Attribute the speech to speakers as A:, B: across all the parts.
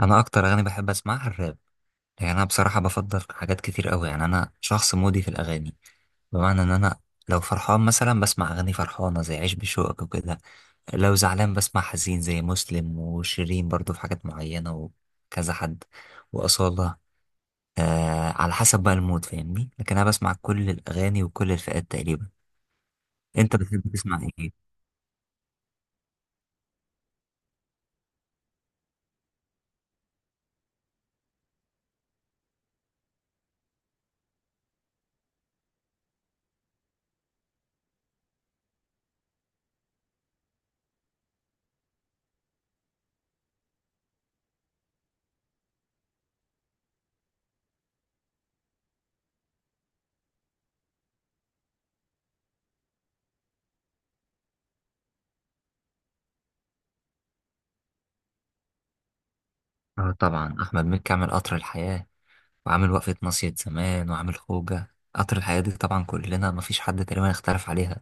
A: انا اكتر اغاني بحب اسمعها الراب. انا بصراحه بفضل حاجات كتير قوي. انا شخص مودي في الاغاني، بمعنى ان انا لو فرحان مثلا بسمع اغاني فرحانه زي عيش بشوقك وكده. لو زعلان بسمع حزين زي مسلم وشيرين، برضو في حاجات معينه، وكذا حد، واصاله. على حسب بقى المود، فاهمني؟ لكن انا بسمع كل الاغاني وكل الفئات تقريبا. انت بتحب تسمع ايه؟ اه، طبعا احمد مكي عامل قطر الحياه، وعامل وقفة مصيد زمان، وعامل خوجة. قطر الحياة دي طبعا كلنا مفيش حد تقريبا اختلف عليها.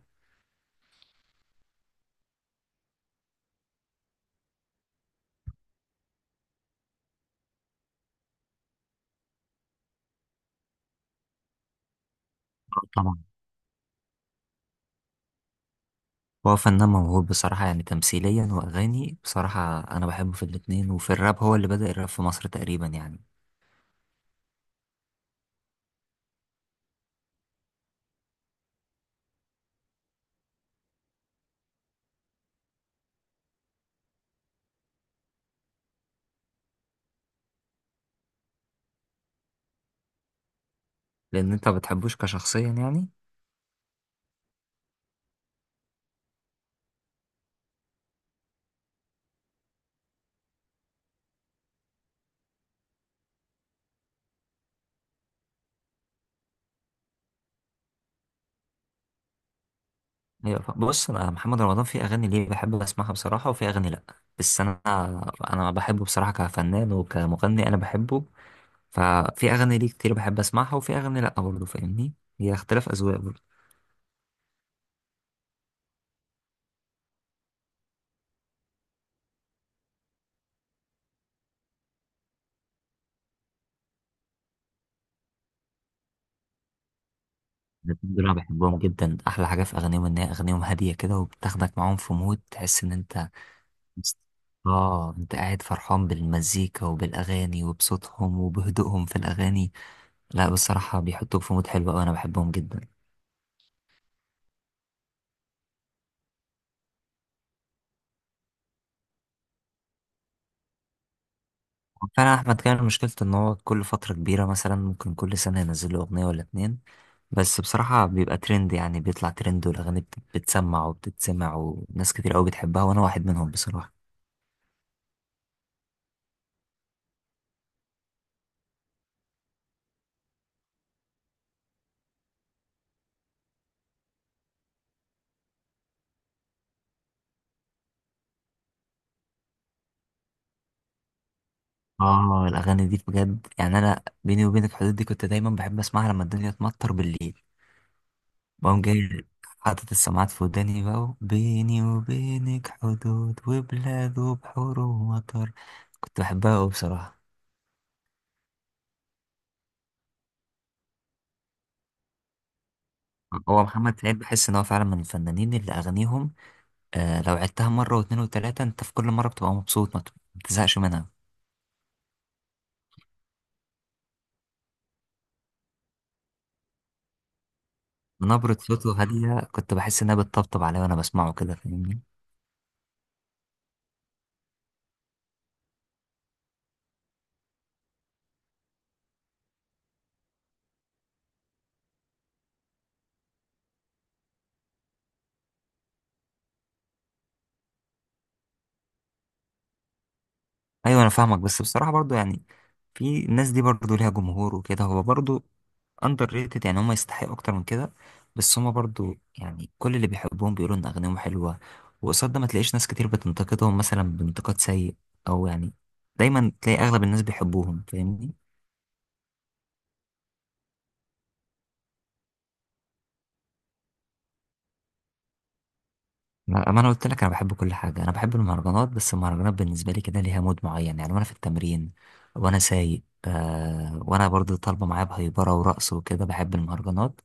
A: آه، طبعا. هو فنان موهوب بصراحة، يعني تمثيليا وأغاني، بصراحة أنا بحبه في الاتنين، وفي الراب هو اللي بدأ الراب في مصر تقريبا يعني. لأن أنت ما بتحبوش كشخصيا يعني. بص، أنا محمد رمضان في أغاني ليه بحب أسمعها بصراحة، وفي أغاني لأ. بس أنا بحبه بصراحة كفنان وكمغني، أنا بحبه. ففي أغاني ليه كتير بحب أسمعها، وفي أغاني لأ برضه، فاهمني؟ هي اختلاف أذواق. الاتنين دول انا بحبهم جدا. احلى حاجه في اغانيهم ان هي اغانيهم هاديه كده، وبتاخدك معاهم في مود تحس ان انت… اه، انت قاعد فرحان بالمزيكا وبالاغاني وبصوتهم وبهدوءهم في الاغاني. لا، بصراحه بيحطوك في مود حلو قوي، انا بحبهم جدا. فعلا احمد كان مشكلته ان هو كل فتره كبيره، مثلا ممكن كل سنه ينزل له اغنيه ولا اتنين، بس بصراحه بيبقى ترند، يعني بيطلع ترند والاغاني بتسمع وبتتسمع، وناس كتير قوي بتحبها، وانا واحد منهم بصراحه. اه، الاغاني دي بجد يعني، انا بيني وبينك الحدود دي كنت دايما بحب اسمعها لما الدنيا تمطر بالليل. بقوم جاي حاطط السماعات في وداني بقى، وبيني وبينك حدود وبلاد وبحور ومطر. كنت بحبها قوي بصراحة. هو محمد سعيد بحس ان هو فعلا من الفنانين اللي اغانيهم لو عدتها مرة واتنين وتلاتة، انت في كل مرة بتبقى مبسوط، ما بتزهقش منها. نبرة صوته هادية، كنت بحس انها بتطبطب عليا وانا بسمعه كده، فاهمني؟ ايوه، انا فاهمك، بس بصراحه برضو يعني، في الناس دي برضو ليها جمهور وكده، هو برضو اندر ريتد يعني. هم يستحقوا اكتر من كده، بس هم برضو يعني كل اللي بيحبوهم بيقولوا ان اغانيهم حلوه، وقصاد ده ما تلاقيش ناس كتير بتنتقدهم مثلا بانتقاد سيء، او يعني دايما تلاقي اغلب الناس بيحبوهم، فاهمني؟ ما انا قلت لك انا بحب كل حاجه، انا بحب المهرجانات، بس المهرجانات بالنسبه لي كده ليها مود معين يعني. وانا في التمرين وانا سايق وانا برضو طالبه معايا بهيبره ورقص وكده، بحب المهرجانات.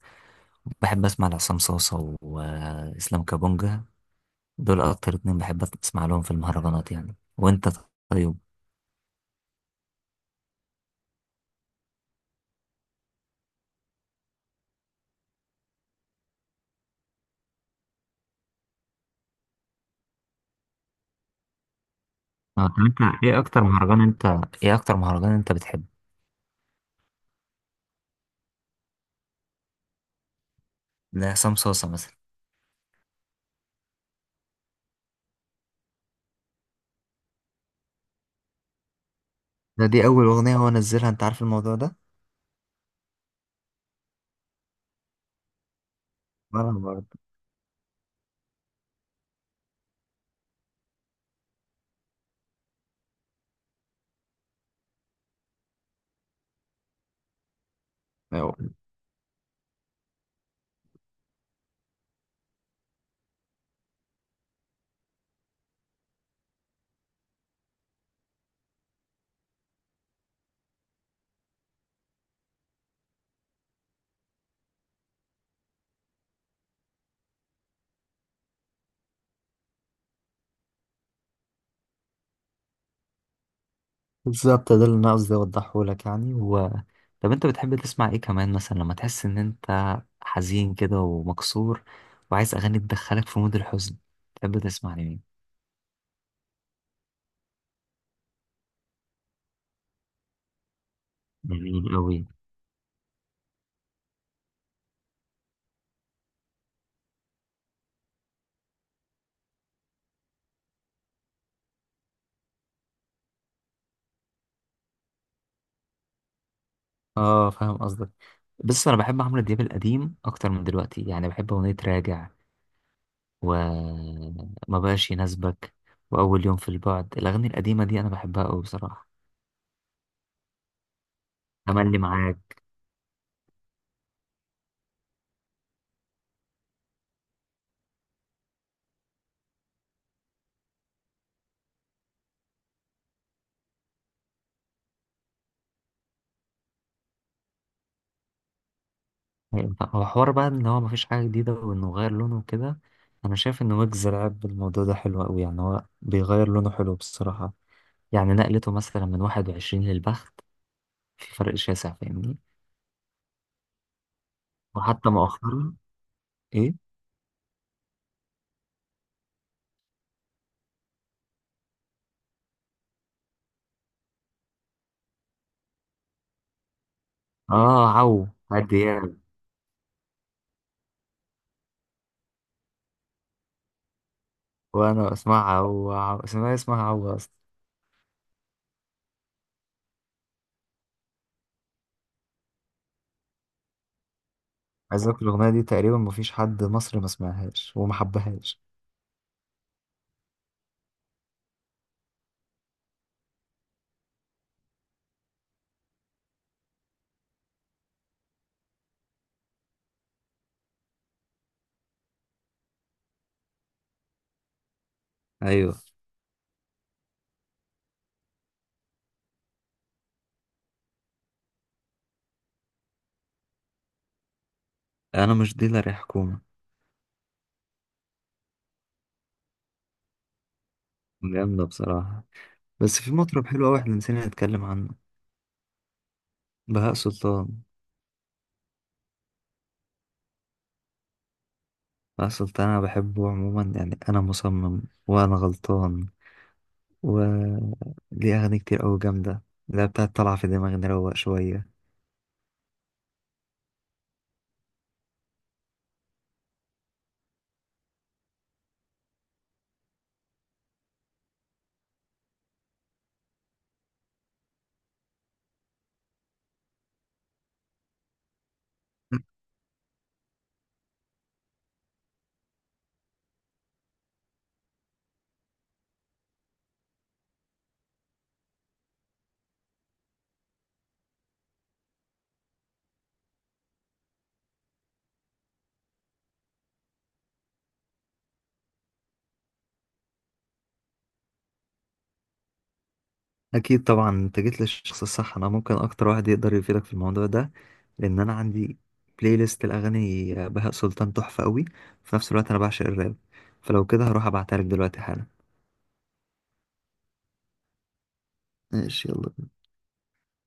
A: بحب اسمع لعصام صوصة واسلام كابونجا. دول اكتر اتنين بحب اسمع لهم في المهرجانات يعني. وانت؟ طيب. اه، طب انت ايه اكتر مهرجان انت ايه اكتر مهرجان انت بتحبه؟ لعصام صوصة مثلا. دي اول اغنية هو نزلها، انت عارف الموضوع ده؟ وانا برضه. أيوة. بالظبط، ده اللي انا قصدي اوضحه لك يعني. طب انت بتحب تسمع ايه كمان مثلا لما تحس ان انت حزين كده ومكسور، وعايز اغاني تدخلك في مود الحزن، تحب تسمع لمين؟ جميل أوي. اه، فاهم قصدك. بص، انا بحب عمرو دياب القديم اكتر من دلوقتي، يعني بحب اغنيه راجع، وما بقاش يناسبك، واول يوم في البعد، الاغاني القديمه دي انا بحبها قوي بصراحه. تملي معاك. هو حوار بقى ان هو مفيش حاجه جديده، وانه غير لونه وكده. انا شايف ان ويجز لعب بالموضوع ده حلو قوي، يعني هو بيغير لونه حلو بصراحه، يعني نقلته مثلا من 21 للبخت، في فرق شاسع، فاهمني؟ وحتى مؤخرا. ايه؟ اه، عو عدي يعني. وانا اسمعها عو عو، اسمها عو اصلا. عايز اقول الاغنيه دي تقريبا مفيش حد مصري ما سمعهاش وما حبهاش. ايوه، انا مش ديلر يا حكومه. جامده بصراحه. بس في مطرب حلو قوي احنا نسينا نتكلم عنه. بهاء سلطان. بهاء سلطان انا بحبه عموما، يعني انا مصمم، وانا غلطان، و ليه اغاني كتير قوي جامده. لا بتاعت طالعه في دماغي، نروق شويه. اكيد طبعا، انت جيت للشخص الصح، انا ممكن اكتر واحد يقدر يفيدك في الموضوع ده. لان انا عندي بلاي ليست الاغاني بهاء سلطان تحفه قوي، في نفس الوقت انا بعشق الراب، فلو كده هروح ابعتها لك دلوقتي حالا. ماشي، يلا.